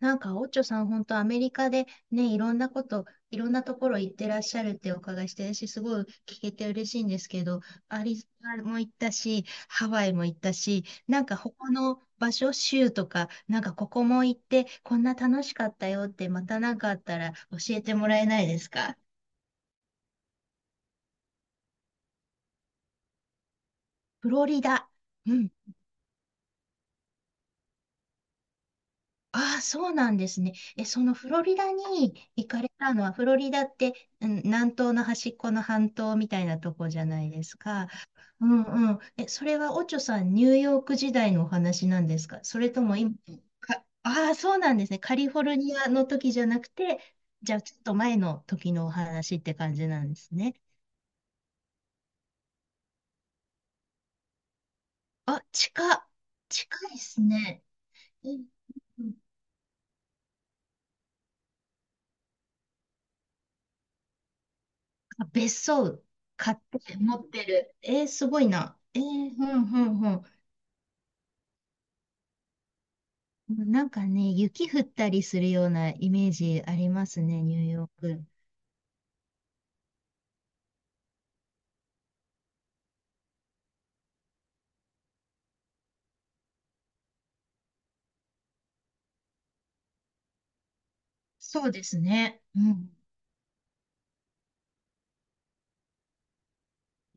なんか、オッチョさん、本当アメリカでね、いろんなこと、いろんなところ行ってらっしゃるってお伺いして、私すごい聞けて嬉しいんですけど、アリゾナも行ったし、ハワイも行ったし、なんか他の場所、州とか、なんかここも行って、こんな楽しかったよって、またなんかあったら教えてもらえないですか？フロリダ。うん。ああ、そうなんですね。え、そのフロリダに行かれたのは、フロリダって、うん、南東の端っこの半島みたいなとこじゃないですか。うんうん。え、それはオチョさん、ニューヨーク時代のお話なんですか、それとも今、ああ、そうなんですね。カリフォルニアの時じゃなくて、じゃあちょっと前の時のお話って感じなんですね。あ、近っ、近いですね。うん。あ、別荘買って持ってる。えー、すごいな。ふんふんふん。なんかね、雪降ったりするようなイメージありますね、ニューヨーク。そうですね。うん。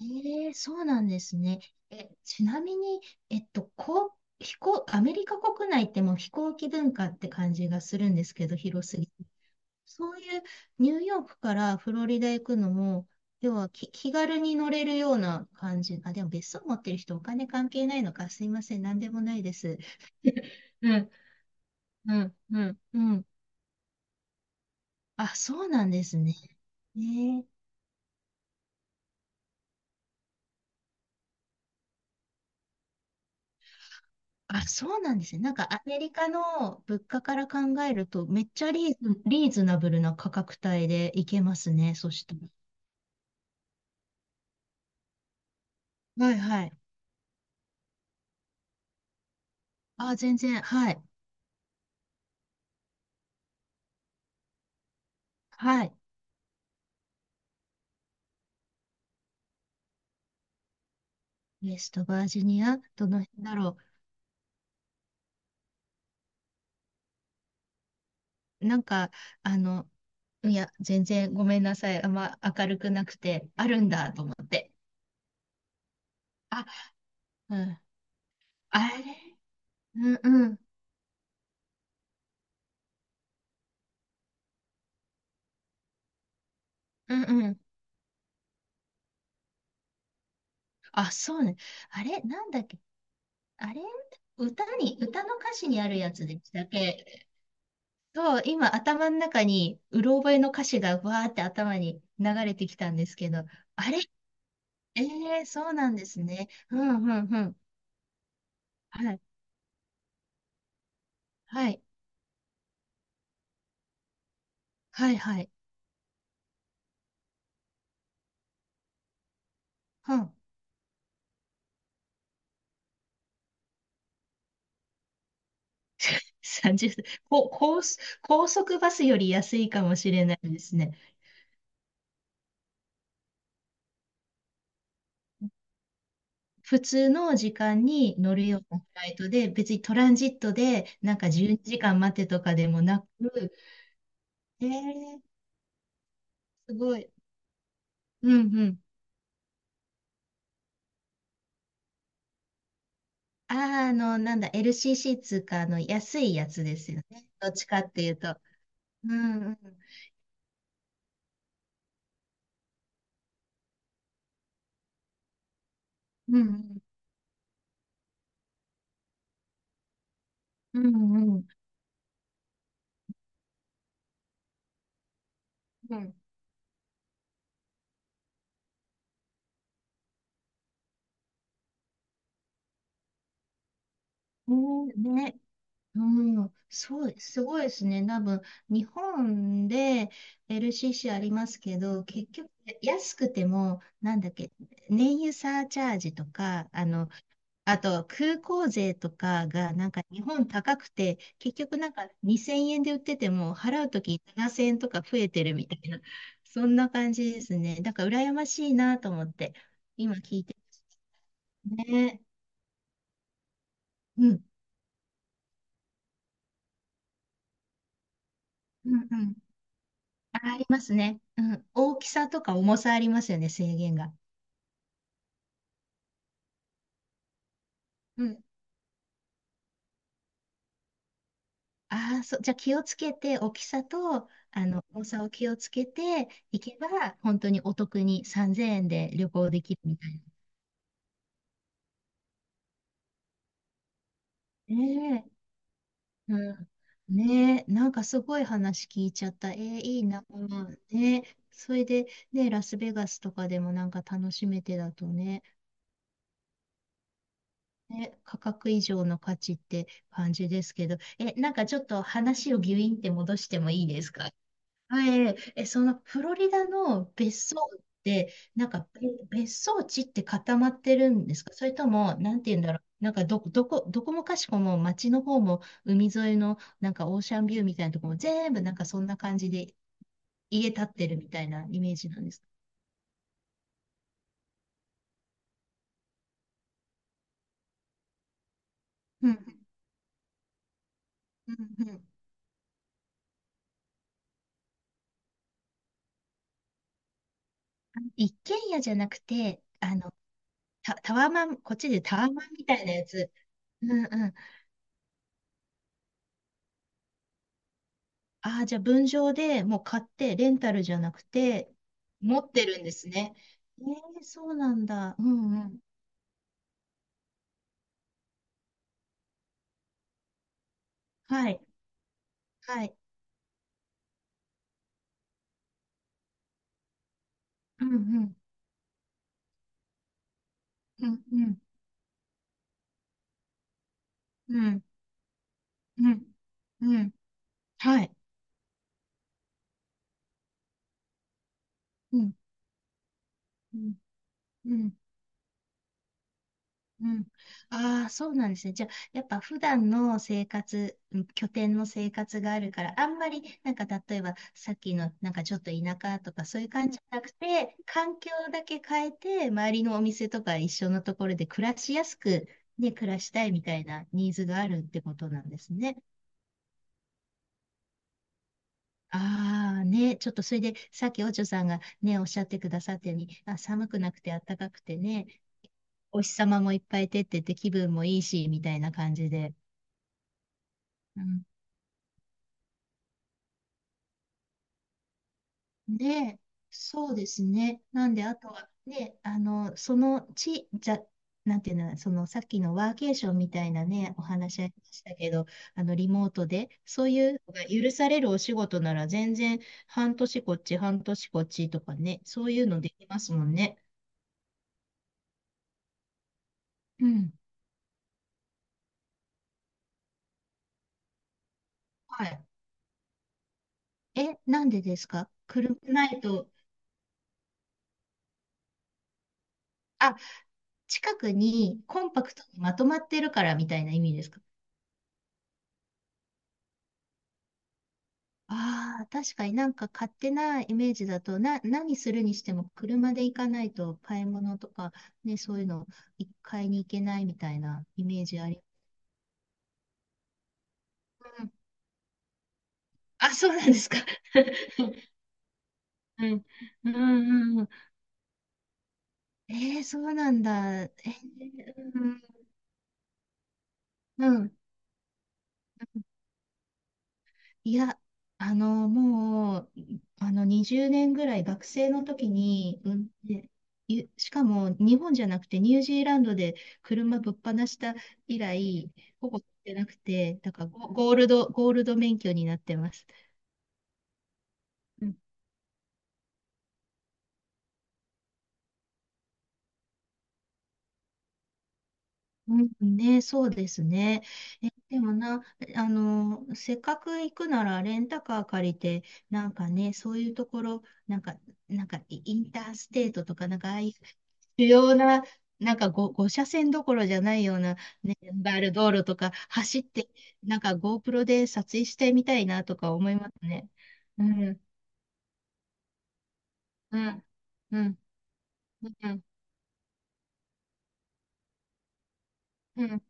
えー、そうなんですね。え、ちなみに、こう、飛行、アメリカ国内ってもう飛行機文化って感じがするんですけど、広すぎて。そういうニューヨークからフロリダ行くのも、要は気軽に乗れるような感じ。あ、でも別荘持ってる人お金関係ないのか。すいません。なんでもないです。うん、うん、うん、うん。あ、そうなんですね。ねえ。あ、そうなんですね。なんかアメリカの物価から考えると、めっちゃリーズナブルな価格帯で行けますね。そしたら。はいはい。あ、全然。はい。はい。ウェストバージニア、どの辺だろう。なんか、あの、いや、全然ごめんなさい。あんま明るくなくて、あるんだと思って。あ、うん。あれ、うんうん。うんうん。あ、そうね。あれ、なんだっけ。あれ、歌に、歌の歌詞にあるやつでしたっけ？と、今頭の中に、うろ覚えの歌詞がわーって頭に流れてきたんですけど、あれ、ええー、そうなんですね。うんうんうん。はい。はい。はいはい。うん。30。こ、高速、高速バスより安いかもしれないですね。普通の時間に乗るようなフライトで、別にトランジットでなんか12時間待てとかでもなく、えー、すごい。うんうん。あー、なんだ、LCC つーか、の、安いやつですよね。どっちかっていうと。うんうん。うんうん。うんうん。うん。ね、ね、うん、そう、すごいですね。多分、日本で LCC ありますけど、結局、安くても、なんだっけ、燃油サーチャージとか、あと空港税とかが、なんか日本高くて、結局なんか2000円で売ってても、払うとき7000円とか増えてるみたいな、そんな感じですね。だから、羨ましいなと思って、今聞いてますね。うん、うん、ありますね。うん。大きさとか重さありますよね、制限が。うん。ああ、そう。じゃあ気をつけて、大きさと、重さを気をつけていけば、本当にお得に3000円で旅行できるみたいな。ねえ。うん。ねえ、なんかすごい話聞いちゃった。えー、いいな。ねえ。それで、ね、ラスベガスとかでもなんか楽しめてだとね、ね、価格以上の価値って感じですけど、え、なんかちょっと話をギュインって戻してもいいですか？はい、え、そのフロリダの別荘って、なんか別荘地って固まってるんですか、それとも、なんて言うんだろう。なんかどこもかしこも街の方も海沿いのなんかオーシャンビューみたいなとこも全部なんかそんな感じで家建ってるみたいなイメージなんですか？うんうんうんうん。一軒家じゃなくて、タワマン、こっちでタワマンみたいなやつ。うんうん。ああ、じゃあ分譲でもう買って、レンタルじゃなくて、持ってるんですね。ええ、そうなんだ。うんうん。はい。はい。うんうん。うんうん。うんうん。うん。はい。うん。うん。うんうん。ああ、そうなんですね。じゃあ、やっぱ普段の生活、うん、拠点の生活があるから、あんまり、なんか例えば、さっきの、なんかちょっと田舎とかそういう感じじゃなくて、環境だけ変えて、周りのお店とか一緒のところで暮らしやすく、ね、暮らしたいみたいなニーズがあるってことなんですね。ああ、ね、ちょっとそれで、さっきおちょさんがね、おっしゃってくださったように、あ、寒くなくて暖かくてね、お日様もいっぱい出てて気分もいいし、みたいな感じで。で、そうですね。なんで、あとは、ね、あの、その地、じゃ、なんていうの、そのさっきのワーケーションみたいなね、お話ありましたけど、リモートで、そういうのが許されるお仕事なら、全然、半年こっち、半年こっちとかね、そういうのできますもんね。うん。はい。え、なんでですか？車ないと、あ、近くにコンパクトにまとまってるからみたいな意味ですか？ああ、確かになんか勝手なイメージだと、何するにしても車で行かないと買い物とか、ね、そういうの買いに行けないみたいなイメージあり。うん、あ、そうなんですか。うん、うん、うん。うん、えー、そうなんだ。えー、うん、うん。いや、あの、もう、あの、20年ぐらい学生の時に、運転しかも日本じゃなくてニュージーランドで車ぶっ放した以来、ほぼ乗ってなくて、だからゴールド免許になってます。うん、うんね、そうですね。え、でもな、せっかく行くならレンタカー借りて、なんかね、そういうところ、なんか、なんかインターステートとか、なんかああい主要な、なんか5、車線どころじゃないような、ね、バル道路とか走って、なんか GoPro で撮影してみたいなとか思いますね。うん、うん、うん、うん、うん。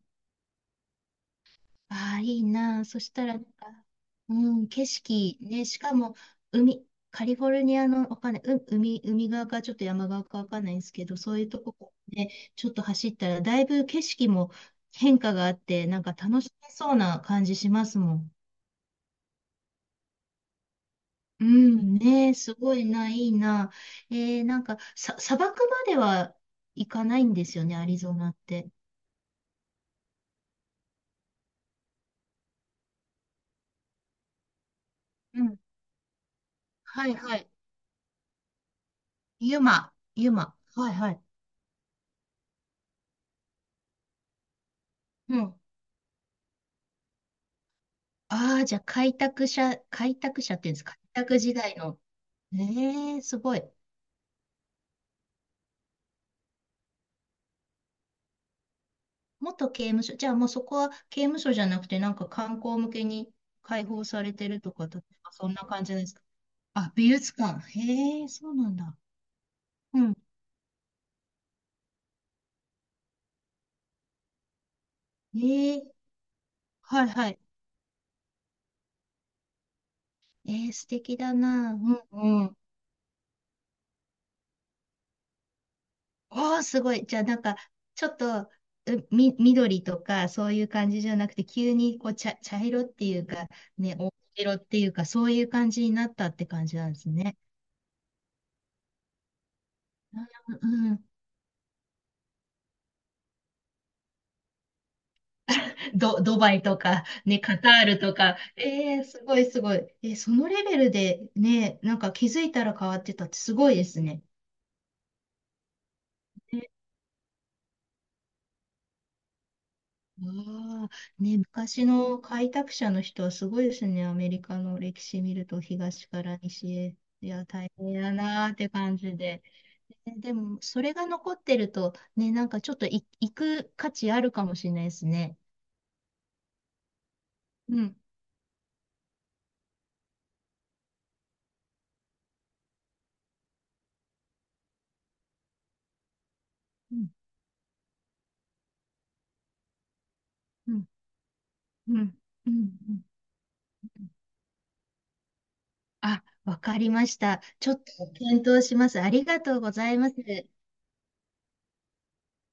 ああ、いいなあ。そしたらなんか、うん、景色、ね、しかも、海、カリフォルニアの、わかんない、海側かちょっと山側かわかんないんですけど、そういうとこね、ちょっと走ったら、だいぶ景色も変化があって、なんか楽しめそうな感じしますもん。うんね、すごいな、いいな。えー、なんか、砂漠までは行かないんですよね、アリゾナって。うん。はいはい。ユマ、ユマ。はいはい。うん。ああ、じゃあ開拓者、開拓者っていうんですか、開拓時代の。ええすごい。元刑務所。じゃあもうそこは刑務所じゃなくて、なんか観光向けに開放されてるとか、例えばそんな感じですか。あ、美術館。へえ、そうなんだ。うん。ええ、はいはい。えー、素敵だな。うんうん。おー、すごい。じゃあ、なんか、ちょっと、緑とか、そういう感じじゃなくて、急に、こう、茶色っていうか、ね、黄色っていうか、そういう感じになったって感じなんですね。うんうん。ド、ドバイとか、ね、カタールとか、えー、すごいすごい。えー、そのレベルで、ね、なんか気づいたら変わってたってすごいですね。ああ、ね、昔の開拓者の人はすごいですね。アメリカの歴史見ると東から西へ。いや、大変やなーって感じで。ねでも、それが残ってると、ね、なんかちょっと行く価値あるかもしれないですね。うん、うん、うん、うん、うん。うんうん、あ、わかりました。ちょっと検討します。ありがとうございます。